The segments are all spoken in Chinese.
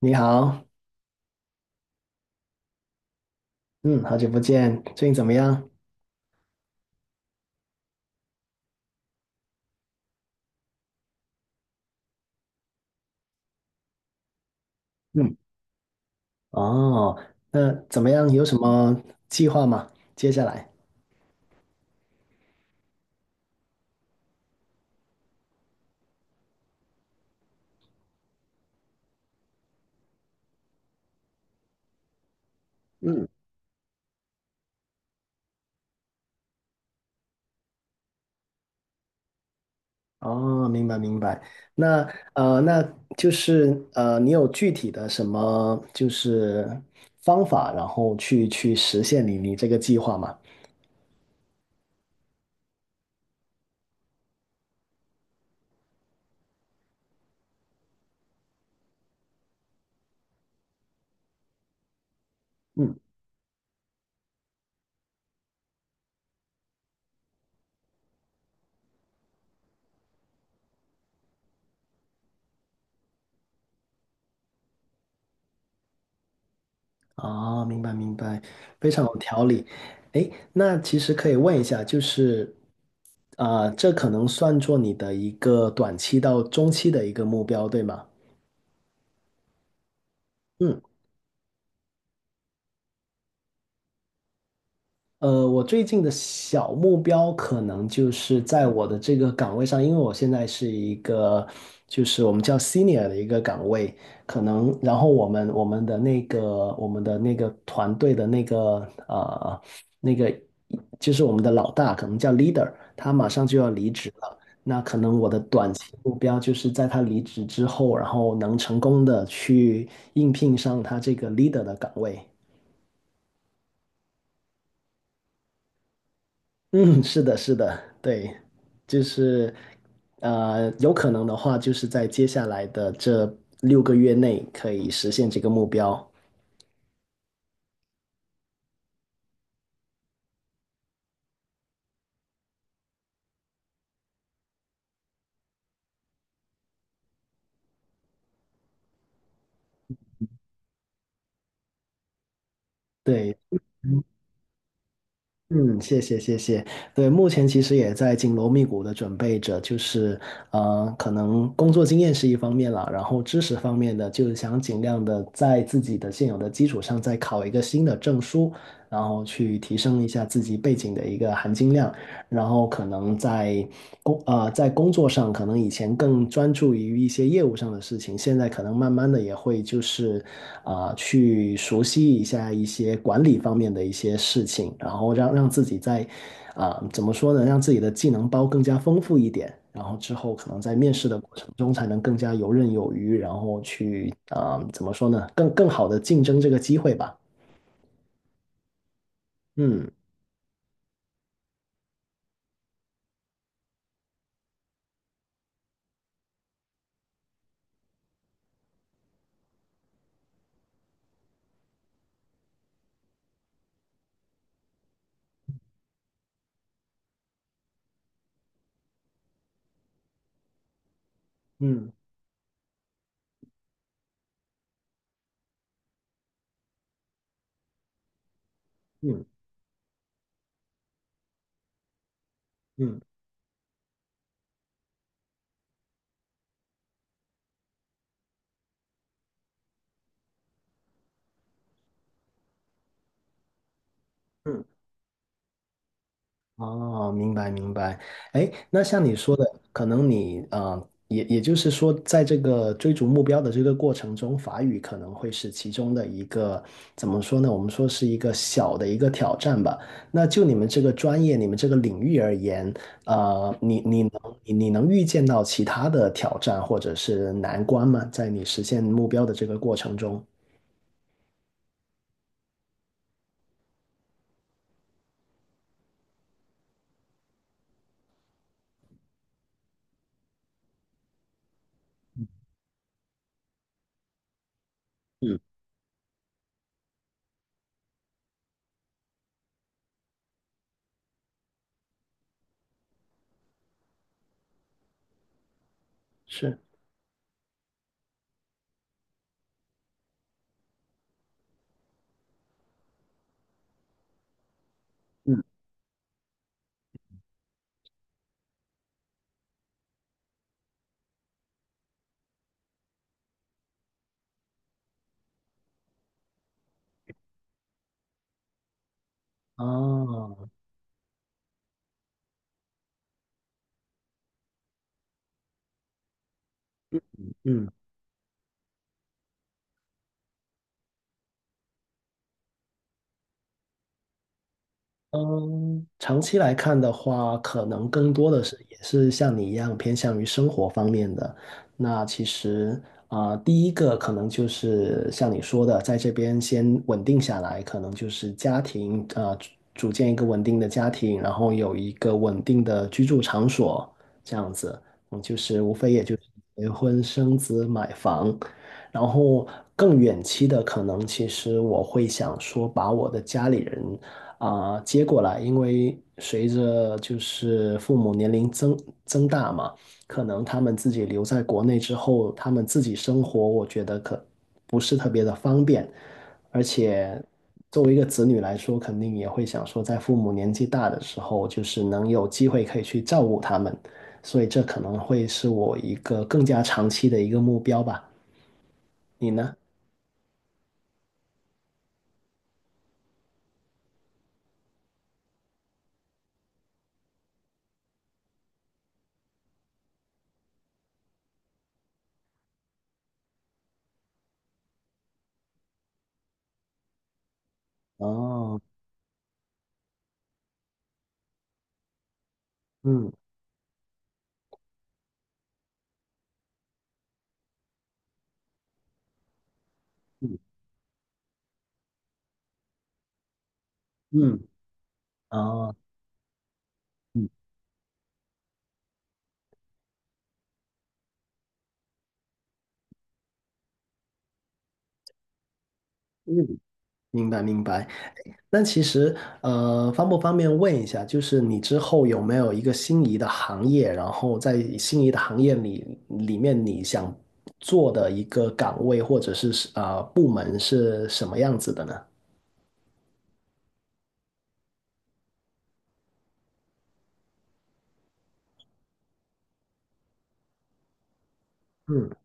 你好。嗯，好久不见，最近怎么样？嗯哦，那怎么样？有什么计划吗？接下来？嗯。哦，明白明白。那呃，那就是你有具体的什么就是方法，然后去实现你这个计划吗？嗯。哦，明白明白，非常有条理。诶，那其实可以问一下，就是，这可能算作你的一个短期到中期的一个目标，对吗？嗯。我最近的小目标可能就是在我的这个岗位上，因为我现在是一个，就是我们叫 senior 的一个岗位，可能然后我们的那个我们的那个团队的那个那个就是我们的老大，可能叫 leader,他马上就要离职了。那可能我的短期目标就是在他离职之后，然后能成功的去应聘上他这个 leader 的岗位。嗯，是的，是的，对，就是有可能的话，就是在接下来的这六个月内可以实现这个目标。对，嗯，嗯谢谢，谢谢。对，目前其实也在紧锣密鼓的准备着，就是可能工作经验是一方面了，然后知识方面的，就是想尽量的在自己的现有的基础上再考一个新的证书，然后去提升一下自己背景的一个含金量。然后可能在在工作上，可能以前更专注于一些业务上的事情，现在可能慢慢的也会就是去熟悉一下一些管理方面的一些事情，然后让自己在怎么说呢，让自己的技能包更加丰富一点，然后之后可能在面试的过程中才能更加游刃有余，然后去怎么说呢，更好的竞争这个机会吧。嗯嗯嗯嗯嗯。哦，明白明白。哎，那像你说的，可能你啊、呃也也就是说，在这个追逐目标的这个过程中，法语可能会是其中的一个怎么说呢？我们说是一个小的一个挑战吧。那就你们这个专业、你们这个领域而言，呃，你你能你你能预见到其他的挑战或者是难关吗？在你实现目标的这个过程中，嗯，是，嗯，哦，嗯。嗯，长期来看的话，可能更多的是也是像你一样偏向于生活方面的。那其实第一个可能就是像你说的，在这边先稳定下来，可能就是家庭啊、呃组组建一个稳定的家庭，然后有一个稳定的居住场所，这样子，嗯，就是无非也就是结婚、生子、买房。然后更远期的，可能其实我会想说，把我的家里人接过来，因为随着就是父母年龄增大嘛，可能他们自己留在国内之后，他们自己生活，我觉得可不是特别的方便，而且作为一个子女来说，肯定也会想说，在父母年纪大的时候，就是能有机会可以去照顾他们，所以这可能会是我一个更加长期的一个目标吧。你呢？哦，嗯嗯嗯，哦，嗯嗯，明白明白。那其实，方不方便问一下，就是你之后有没有一个心仪的行业，然后在心仪的行业里面，你想做的一个岗位或者是部门是什么样子的呢？嗯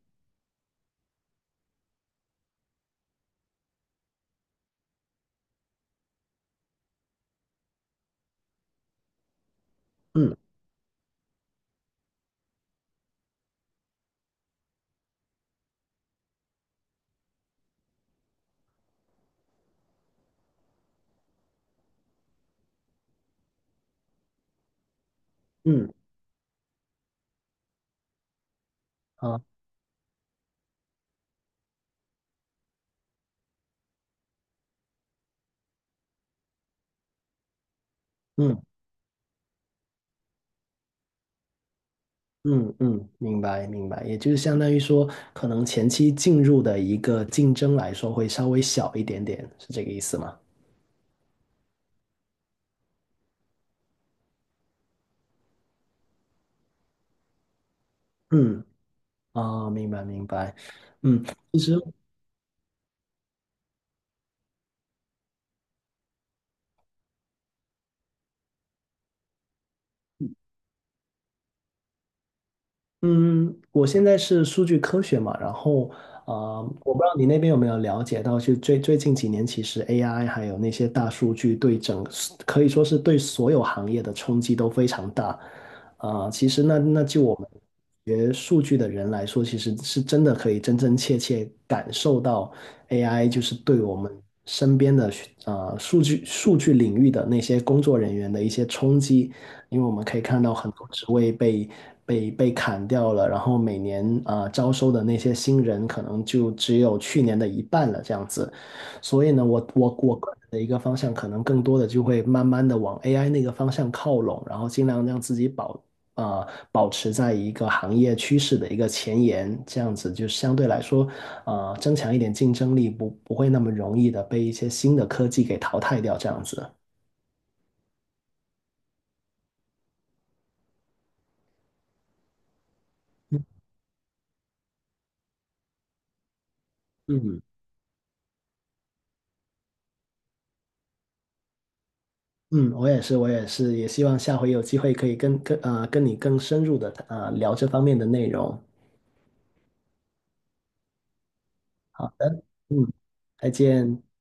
嗯嗯，啊，嗯嗯。明白明白，也就是相当于说，可能前期进入的一个竞争来说会稍微小一点点，是这个意思吗？嗯，啊，明白明白，嗯。其实，嗯，我现在是数据科学嘛，然后我不知道你那边有没有了解到，就最近几年，其实 AI 还有那些大数据可以说是对所有行业的冲击都非常大。其实那就我们学数据的人来说，其实是真的可以真真切切感受到 AI 就是对我们身边的数据领域的那些工作人员的一些冲击。因为我们可以看到很多职位被砍掉了，然后每年招收的那些新人可能就只有去年的一半了这样子，所以呢，我个人的一个方向可能更多的就会慢慢的往 AI 那个方向靠拢，然后尽量让自己保持在一个行业趋势的一个前沿，这样子就相对来说增强一点竞争力，不会那么容易的被一些新的科技给淘汰掉这样子。嗯，嗯，我也是，我也是，也希望下回有机会可以跟你更深入的聊这方面的内容。好的，嗯，再见。